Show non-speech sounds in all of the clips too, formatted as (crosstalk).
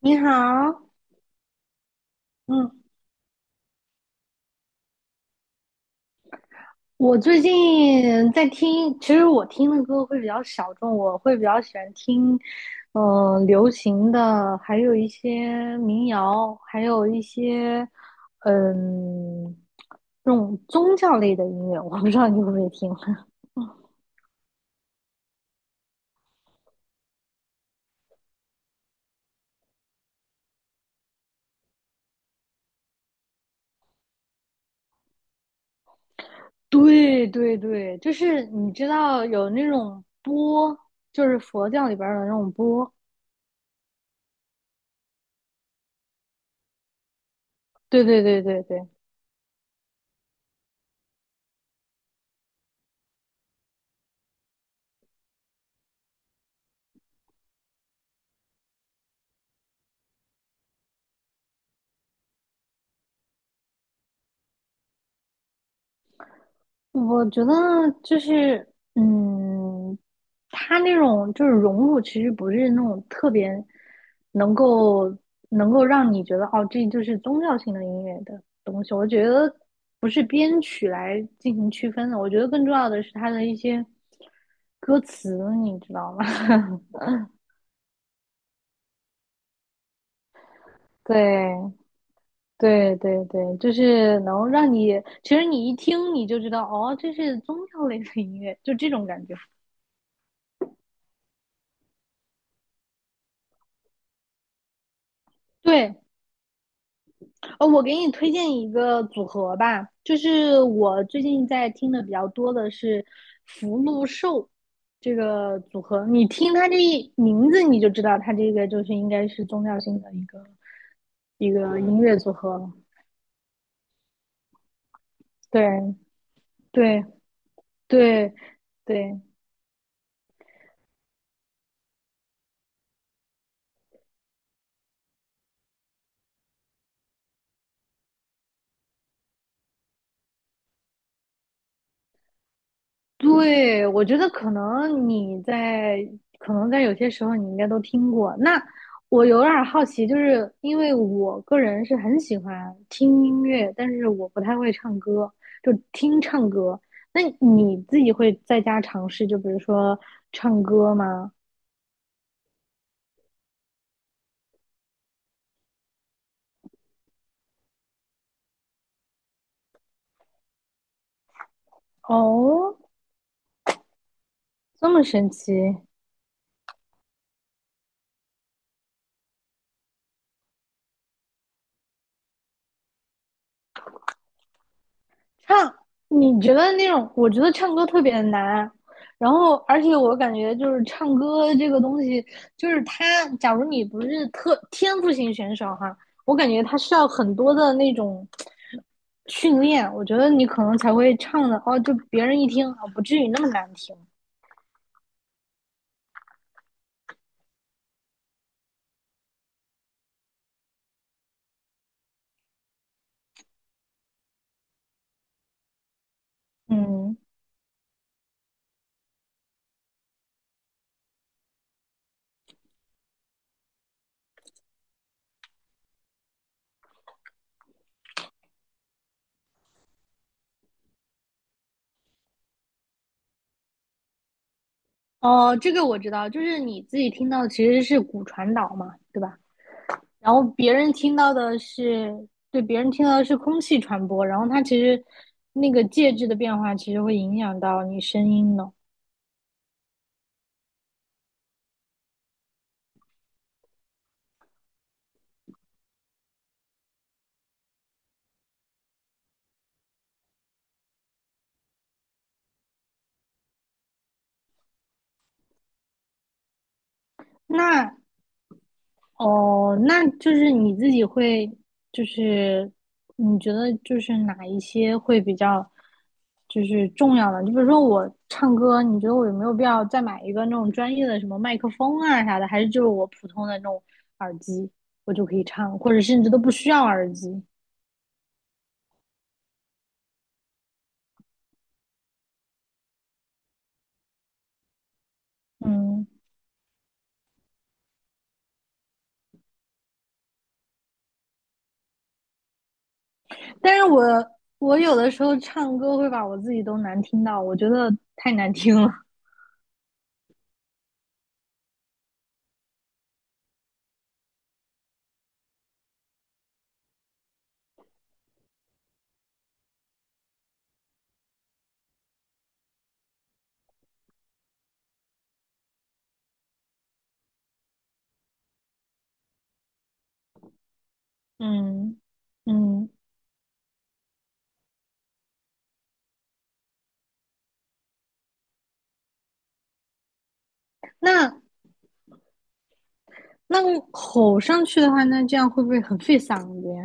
你好，嗯，我最近在听，其实我听的歌会比较小众，我会比较喜欢听，流行的，还有一些民谣，还有一些，嗯，这种宗教类的音乐，我不知道你会不会听。(laughs) 对对对，就是你知道有那种钵，就是佛教里边儿的那种钵。对对对对对，我觉得就是，嗯，他那种就是融入，其实不是那种特别能够能够让你觉得哦，这就是宗教性的音乐的东西。我觉得不是编曲来进行区分的，我觉得更重要的是它的一些歌词，你知道吗？(laughs) 对对对对，就是能让你，其实你一听你就知道，哦，这是宗教类的音乐，就这种感觉。对。哦，我给你推荐一个组合吧，就是我最近在听的比较多的是福禄寿这个组合。你听它这一名字，你就知道它这个就是应该是宗教性的一个音乐组合了。对对对对，对，我觉得可能你在，可能在有些时候你应该都听过。那我有点儿好奇，就是因为我个人是很喜欢听音乐，但是我不太会唱歌，就听唱歌。那你自己会在家尝试，就比如说唱歌吗？哦，这么神奇。唱，你觉得那种？我觉得唱歌特别难，然后而且我感觉就是唱歌这个东西，就是他，假如你不是特天赋型选手哈，我感觉他需要很多的那种训练，我觉得你可能才会唱的哦，就别人一听啊，不至于那么难听。嗯，哦，这个我知道，就是你自己听到其实是骨传导嘛，对吧？然后别人听到的是，对，别人听到的是空气传播，然后它其实那个介质的变化其实会影响到你声音的。那哦，那就是你自己会，就是你觉得就是哪一些会比较就是重要的？就比如说我唱歌，你觉得我有没有必要再买一个那种专业的什么麦克风啊啥的，还是就是我普通的那种耳机我就可以唱，或者甚至都不需要耳机？嗯。但是我有的时候唱歌会把我自己都难听到，我觉得太难听了。(laughs) 嗯嗯，那那吼上去的话，那这样会不会很费嗓子呀？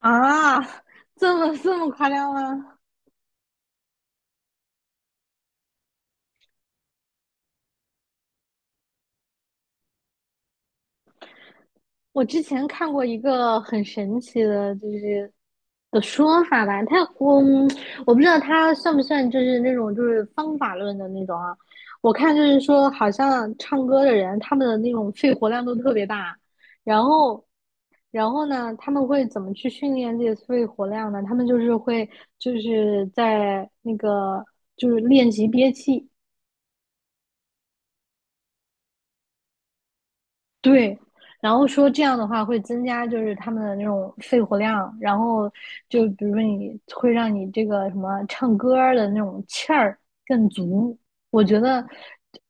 啊，这么夸张吗？我之前看过一个很神奇的，就是的说法吧，他我嗯我不知道他算不算就是那种就是方法论的那种啊。我看就是说，好像唱歌的人他们的那种肺活量都特别大，然后然后呢，他们会怎么去训练自己的肺活量呢？他们就是会就是在那个就是练习憋气。对，然后说这样的话会增加就是他们的那种肺活量，然后就比如说你会让你这个什么唱歌儿的那种气儿更足。我觉得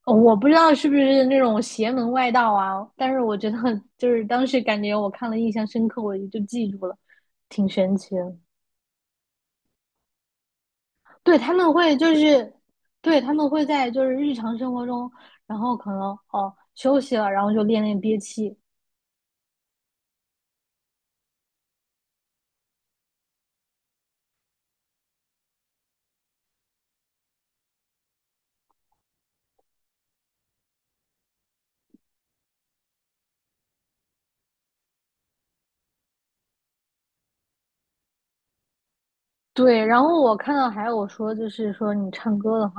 我不知道是不是那种邪门外道啊，但是我觉得就是当时感觉我看了印象深刻，我也就记住了，挺神奇的。对，他们会就是，对，他们会在就是日常生活中，然后可能哦休息了，然后就练练憋气，对，然后我看到还有说，就是说你唱歌的话，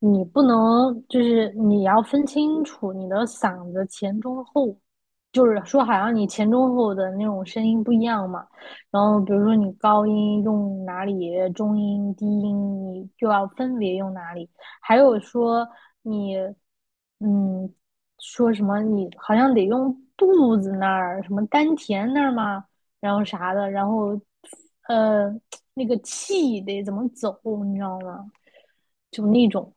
你不能就是你要分清楚你的嗓子前中后，就是说好像你前中后的那种声音不一样嘛。然后比如说你高音用哪里，中音、低音你就要分别用哪里。还有说你，嗯，说什么你好像得用肚子那儿，什么丹田那儿吗？然后啥的，然后呃那个气得怎么走，你知道吗？就那种，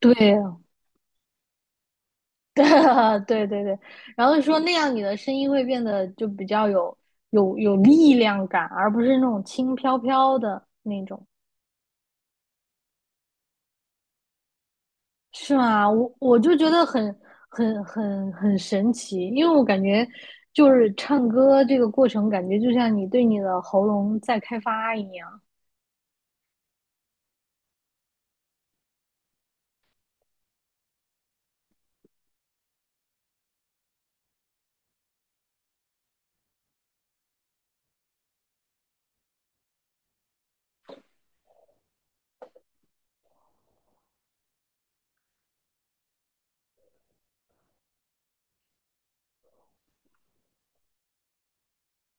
对 (laughs) 对，然后说那样你的声音会变得就比较有力量感，而不是那种轻飘飘的那种，是吗？我就觉得很很神奇，因为我感觉就是唱歌这个过程，感觉就像你对你的喉咙在开发一样。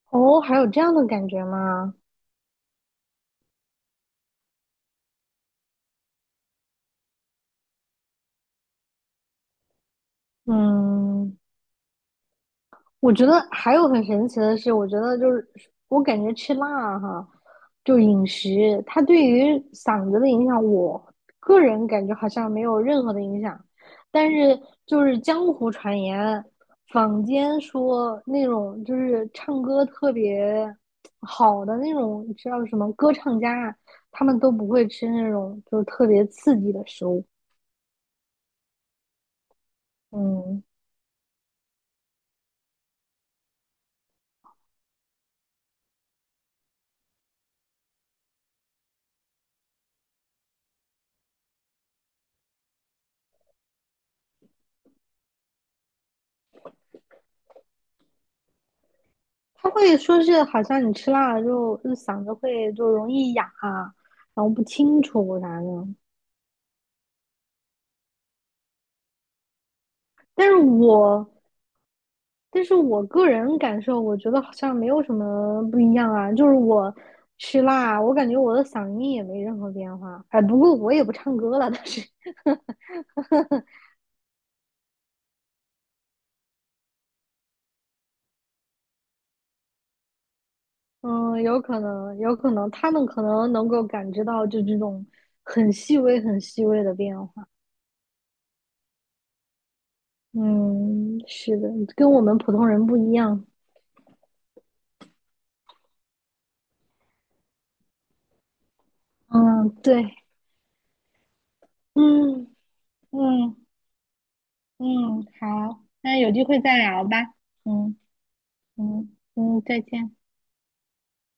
哦，还有这样的感觉吗？嗯，我觉得还有很神奇的是，我觉得就是我感觉吃辣哈，就饮食，它对于嗓子的影响，我个人感觉好像没有任何的影响，但是就是江湖传言，坊间说那种就是唱歌特别好的那种，你知道什么歌唱家，他们都不会吃那种就是特别刺激的食物。嗯。他会说是好像你吃辣了之后，就嗓子会就容易哑啊，然后不清楚啥的。但是我，但是我个人感受，我觉得好像没有什么不一样啊。就是我吃辣，我感觉我的嗓音也没任何变化。哎，不过我也不唱歌了，但是，嗯，有可能，有可能他们可能能够感知到就这种很细微、很细微的变化。嗯，是的，跟我们普通人不一样。嗯，对，嗯。嗯嗯，好，那有机会再聊吧。嗯嗯嗯，再见。